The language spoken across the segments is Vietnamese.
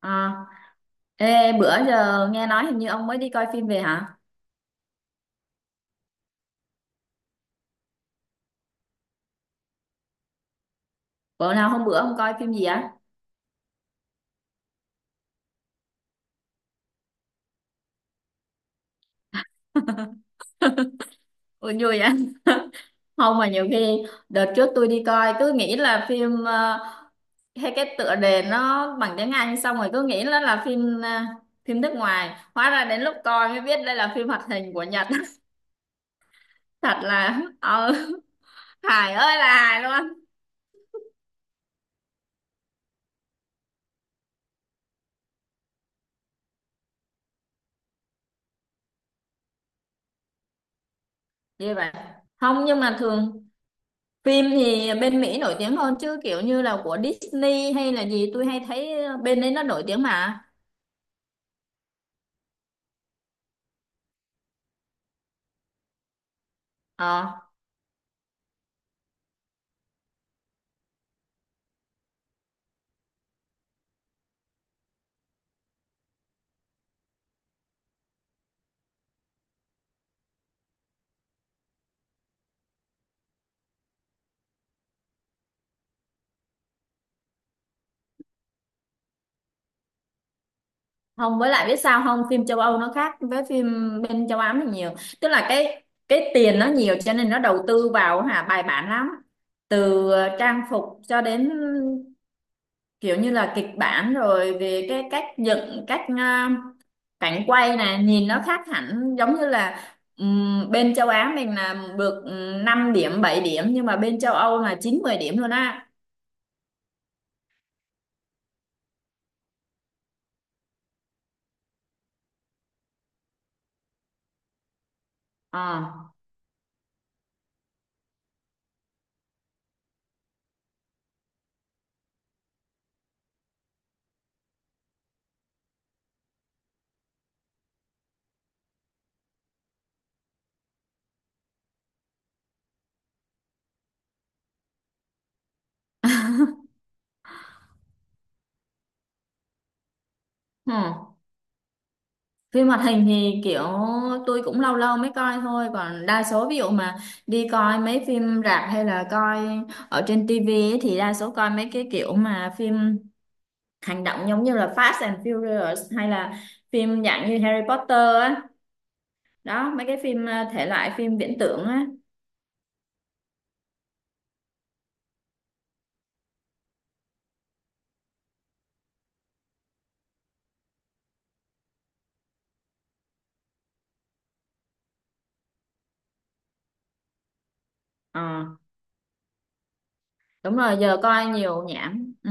À, ê, bữa giờ nghe nói hình như ông mới đi coi phim về hả? Bữa nào hôm bữa ông coi phim gì á? Ủa, vui á. Không mà nhiều khi đợt trước tôi đi coi cứ nghĩ là phim hay cái tựa đề nó bằng tiếng Anh xong rồi cứ nghĩ nó là phim nước ngoài. Hóa ra đến lúc coi mới biết đây là phim hoạt hình của Nhật. Thật là hài ơi là hài luôn. Như vậy. Không nhưng mà thường phim thì bên Mỹ nổi tiếng hơn chứ kiểu như là của Disney hay là gì tôi hay thấy bên đấy nó nổi tiếng mà. Ờ, Không với lại biết sao không, phim châu Âu nó khác với phim bên châu Á mình nhiều. Tức là cái tiền nó nhiều cho nên nó đầu tư vào hả bài bản lắm. Từ trang phục cho đến kiểu như là kịch bản rồi về cái cách dựng cách cảnh quay này nhìn nó khác hẳn giống như là bên châu Á mình là được 5 điểm 7 điểm nhưng mà bên châu Âu là 9 10 điểm luôn á. Ờ, hmm. Phim hoạt hình thì kiểu tôi cũng lâu lâu mới coi thôi, còn đa số ví dụ mà đi coi mấy phim rạp hay là coi ở trên tivi ấy thì đa số coi mấy cái kiểu mà phim hành động giống như là Fast and Furious hay là phim dạng như Harry Potter á, đó mấy cái phim thể loại phim viễn tưởng á. Ờ, đúng rồi giờ coi nhiều nhảm, ừ.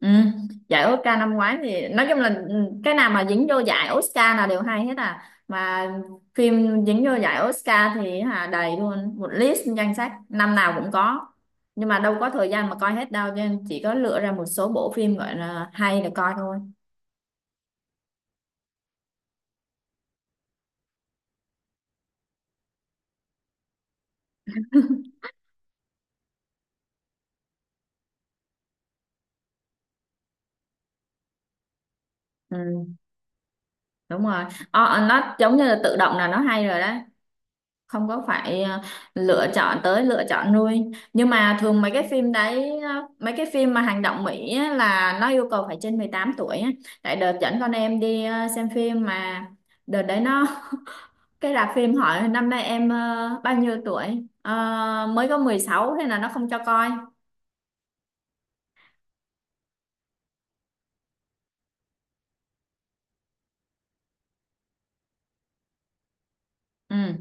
Ừ, giải Oscar năm ngoái thì nói chung là cái nào mà dính vô giải Oscar là đều hay hết à, mà phim dính vô giải Oscar thì hả đầy luôn một list danh sách năm nào cũng có, nhưng mà đâu có thời gian mà coi hết đâu cho nên chỉ có lựa ra một số bộ phim gọi là hay để coi thôi. Ừ, đúng rồi. Ờ, ờ, nó giống như là tự động là nó hay rồi đó, không có phải lựa chọn tới lựa chọn nuôi, nhưng mà thường mấy cái phim đấy, mấy cái phim mà hành động Mỹ á, là nó yêu cầu phải trên 18 tuổi á. Tại đợt dẫn con em đi xem phim mà đợt đấy nó, cái rạp phim hỏi năm nay em bao nhiêu tuổi. Ờ, mới có 16 thế là nó không cho coi. Ừ.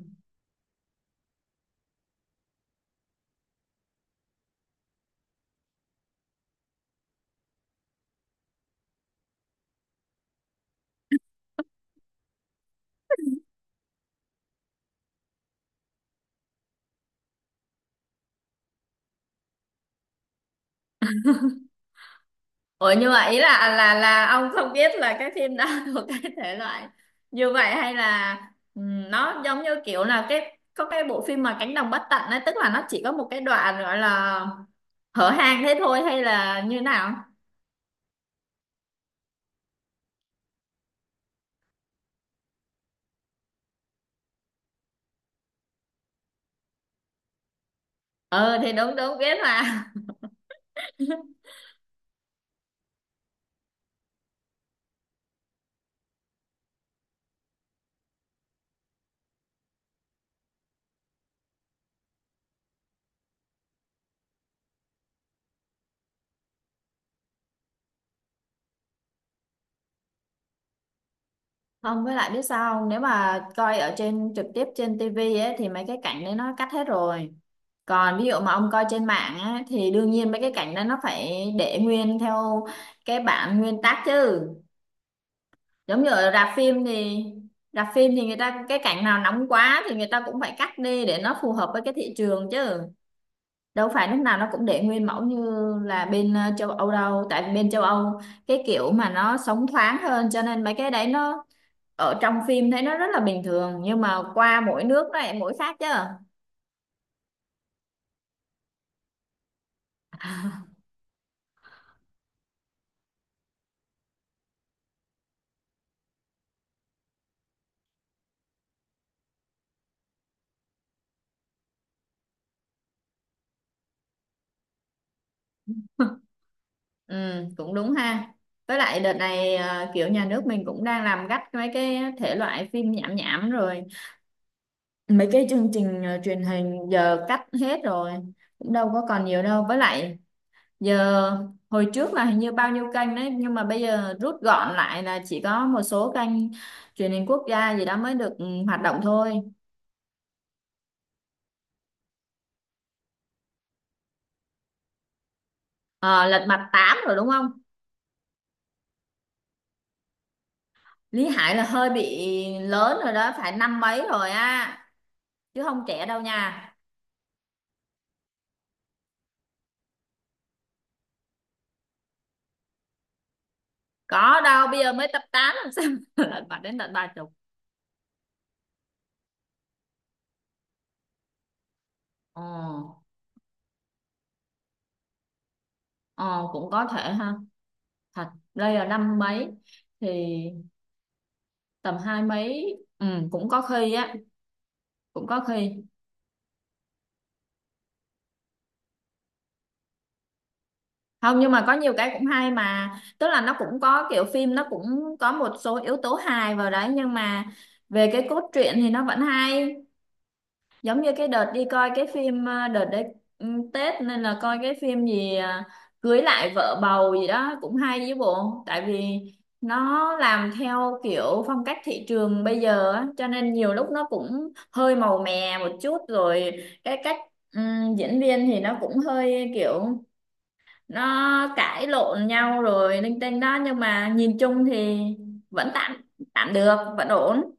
Ủa nhưng mà ý là ông không biết là cái phim đó thuộc cái thể loại như vậy hay là nó giống như kiểu là cái có cái bộ phim mà Cánh đồng bất tận ấy, tức là nó chỉ có một cái đoạn gọi là hở hang thế thôi hay là như nào? Ờ thì đúng đúng biết mà. Không với lại biết sao không? Nếu mà coi ở trên trực tiếp trên tivi ấy thì mấy cái cảnh đấy nó cắt hết rồi. Còn ví dụ mà ông coi trên mạng á, thì đương nhiên mấy cái cảnh đó nó phải để nguyên theo cái bản nguyên tác chứ. Giống như ở rạp phim thì người ta cái cảnh nào nóng quá thì người ta cũng phải cắt đi để nó phù hợp với cái thị trường chứ, đâu phải lúc nào nó cũng để nguyên mẫu như là bên châu Âu đâu, tại vì bên châu Âu cái kiểu mà nó sống thoáng hơn cho nên mấy cái đấy nó ở trong phim thấy nó rất là bình thường nhưng mà qua mỗi nước nó lại mỗi khác chứ. Ừ, cũng đúng ha, với lại đợt này kiểu nhà nước mình cũng đang làm gắt mấy cái thể loại phim nhảm nhảm rồi, mấy cái chương trình truyền hình giờ cắt hết rồi, cũng đâu có còn nhiều đâu, với lại giờ hồi trước là hình như bao nhiêu kênh đấy nhưng mà bây giờ rút gọn lại là chỉ có một số kênh truyền hình quốc gia gì đó mới được hoạt động thôi. Ờ, lật mặt 8 rồi đúng không. Lý Hải là hơi bị lớn rồi đó, phải năm mấy rồi á, chứ không trẻ đâu nha. Có đâu bây giờ mới tập 8 làm sao. Lật mặt đến tận 30. Ờ, ờ cũng có thể ha. Thật đây là năm mấy thì tầm hai mấy, cũng có khi á, cũng có khi. Không nhưng mà có nhiều cái cũng hay mà, tức là nó cũng có kiểu phim nó cũng có một số yếu tố hài vào đấy nhưng mà về cái cốt truyện thì nó vẫn hay, giống như cái đợt đi coi cái phim, đợt đấy ừ, Tết nên là coi cái phim gì, cưới lại vợ bầu gì đó cũng hay chứ bộ, tại vì nó làm theo kiểu phong cách thị trường bây giờ á cho nên nhiều lúc nó cũng hơi màu mè một chút rồi cái cách diễn viên thì nó cũng hơi kiểu nó cãi lộn nhau rồi linh tinh đó nhưng mà nhìn chung thì vẫn tạm tạm được, vẫn ổn.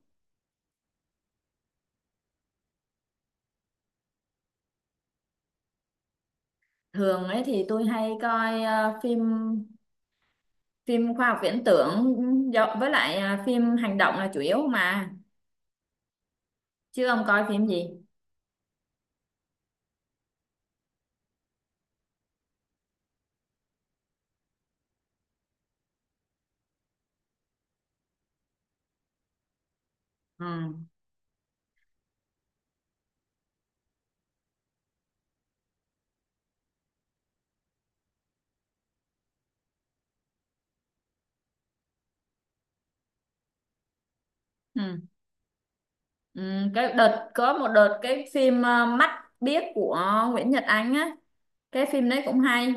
Thường ấy thì tôi hay coi phim phim khoa học viễn tưởng, với lại phim hành động là chủ yếu mà. Chứ ông coi phim gì. Ừ. Ừ. Ừ. Cái đợt có một đợt cái phim mắt biếc của Nguyễn Nhật Ánh á, cái phim đấy cũng hay,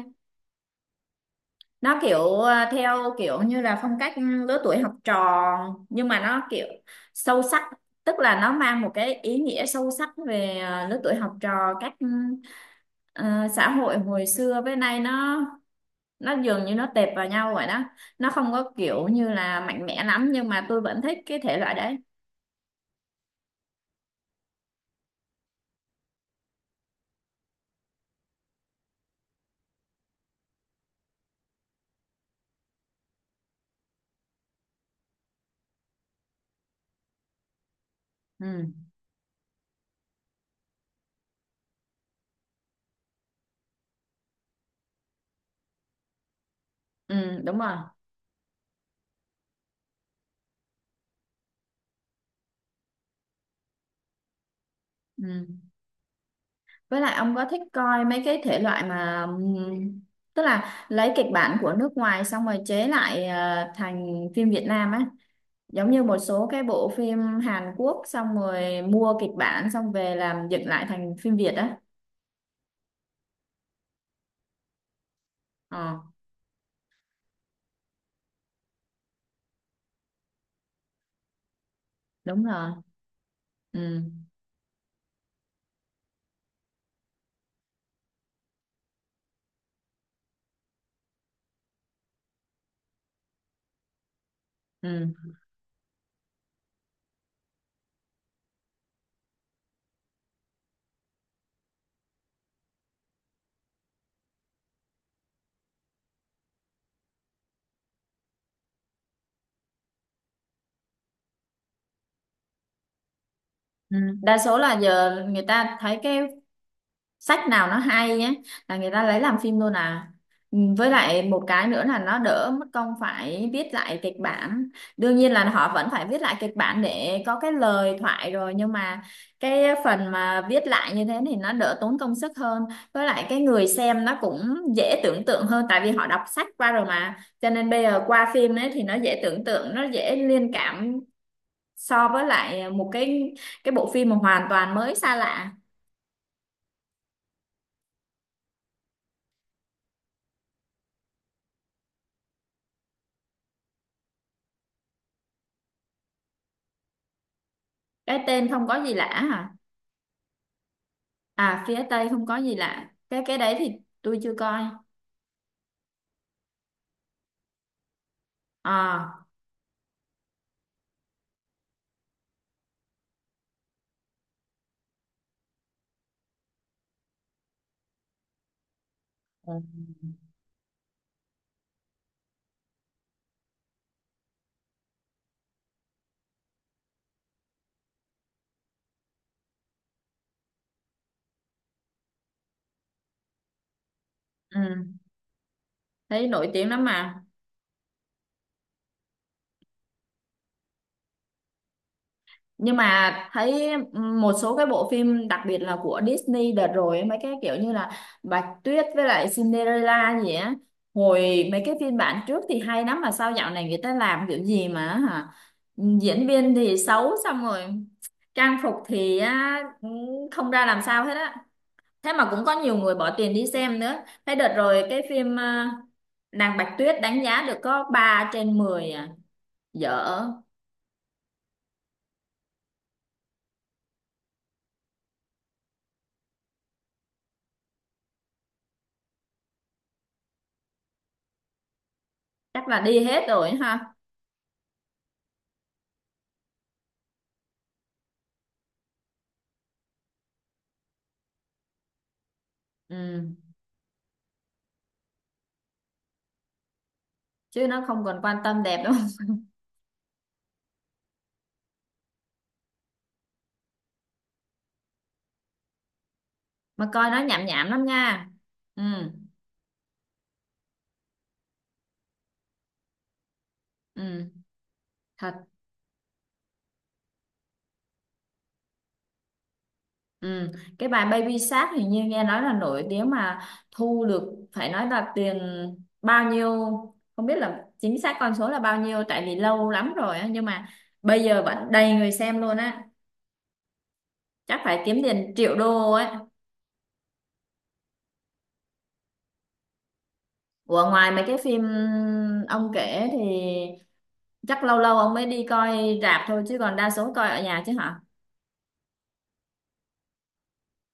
nó kiểu theo kiểu như là phong cách lứa tuổi học trò nhưng mà nó kiểu sâu sắc, tức là nó mang một cái ý nghĩa sâu sắc về lứa tuổi học trò cách ờ, xã hội hồi xưa với nay nó dường như nó tệp vào nhau vậy đó, nó không có kiểu như là mạnh mẽ lắm nhưng mà tôi vẫn thích cái thể loại đấy. Ừ, ừ đúng rồi. Ừ. Với lại ông có thích coi mấy cái thể loại mà tức là lấy kịch bản của nước ngoài xong rồi chế lại thành phim Việt Nam á, giống như một số cái bộ phim Hàn Quốc xong rồi mua kịch bản xong về làm dựng lại thành phim Việt á. Ờ, đúng rồi. Ừ. Ừ. Ừ. Đa số là giờ người ta thấy cái sách nào nó hay nhé là người ta lấy làm phim luôn à. Ừ, với lại một cái nữa là nó đỡ mất công phải viết lại kịch bản, đương nhiên là họ vẫn phải viết lại kịch bản để có cái lời thoại rồi nhưng mà cái phần mà viết lại như thế thì nó đỡ tốn công sức hơn, với lại cái người xem nó cũng dễ tưởng tượng hơn tại vì họ đọc sách qua rồi mà cho nên bây giờ qua phim ấy thì nó dễ tưởng tượng nó dễ liên cảm so với lại một cái bộ phim mà hoàn toàn mới xa lạ. Cái tên không có gì lạ hả. À phía Tây không có gì lạ. Cái đấy thì tôi chưa coi. À, ừ, thấy nổi tiếng lắm mà. Nhưng mà thấy một số cái bộ phim, đặc biệt là của Disney đợt rồi ấy, mấy cái kiểu như là Bạch Tuyết với lại Cinderella gì á, hồi mấy cái phiên bản trước thì hay lắm, mà sao dạo này người ta làm kiểu gì mà hả, diễn viên thì xấu, xong rồi trang phục thì á, không ra làm sao hết á, thế mà cũng có nhiều người bỏ tiền đi xem nữa. Thế đợt rồi cái phim Nàng Bạch Tuyết đánh giá được có 3/10 à, dở. Chắc là đi hết rồi ha. Ừ. Chứ nó không còn quan tâm đẹp đâu. Mà coi nó nhảm nhảm lắm nha. Ừ. Ừ. Thật. Ừ, cái bài Baby Shark hình như nghe nói là nổi tiếng mà, thu được phải nói là tiền bao nhiêu, không biết là chính xác con số là bao nhiêu tại vì lâu lắm rồi á nhưng mà bây giờ vẫn đầy người xem luôn á. Chắc phải kiếm tiền triệu đô ấy. Ủa, ngoài mấy cái phim ông kể thì chắc lâu lâu ông mới đi coi rạp thôi chứ còn đa số coi ở nhà chứ hả.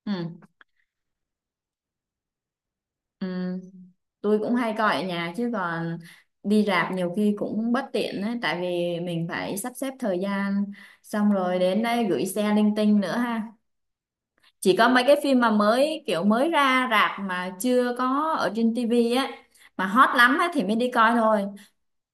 Ừ. Ừ. Tôi cũng hay coi ở nhà chứ còn đi rạp nhiều khi cũng bất tiện ấy, tại vì mình phải sắp xếp thời gian xong rồi đến đây gửi xe linh tinh nữa ha. Chỉ có mấy cái phim mà mới kiểu mới ra rạp mà chưa có ở trên tivi á, mà hot lắm á thì mới đi coi thôi,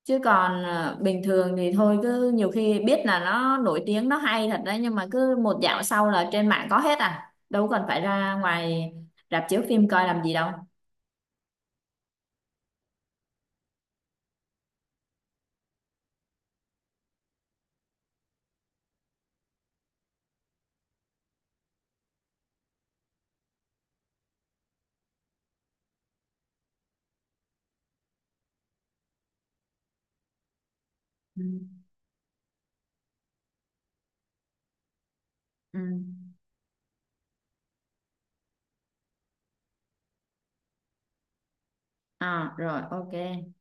chứ còn bình thường thì thôi cứ nhiều khi biết là nó nổi tiếng nó hay thật đấy nhưng mà cứ một dạo sau là trên mạng có hết à, đâu cần phải ra ngoài rạp chiếu phim coi làm gì đâu. Ừ. Ừ. À rồi ok.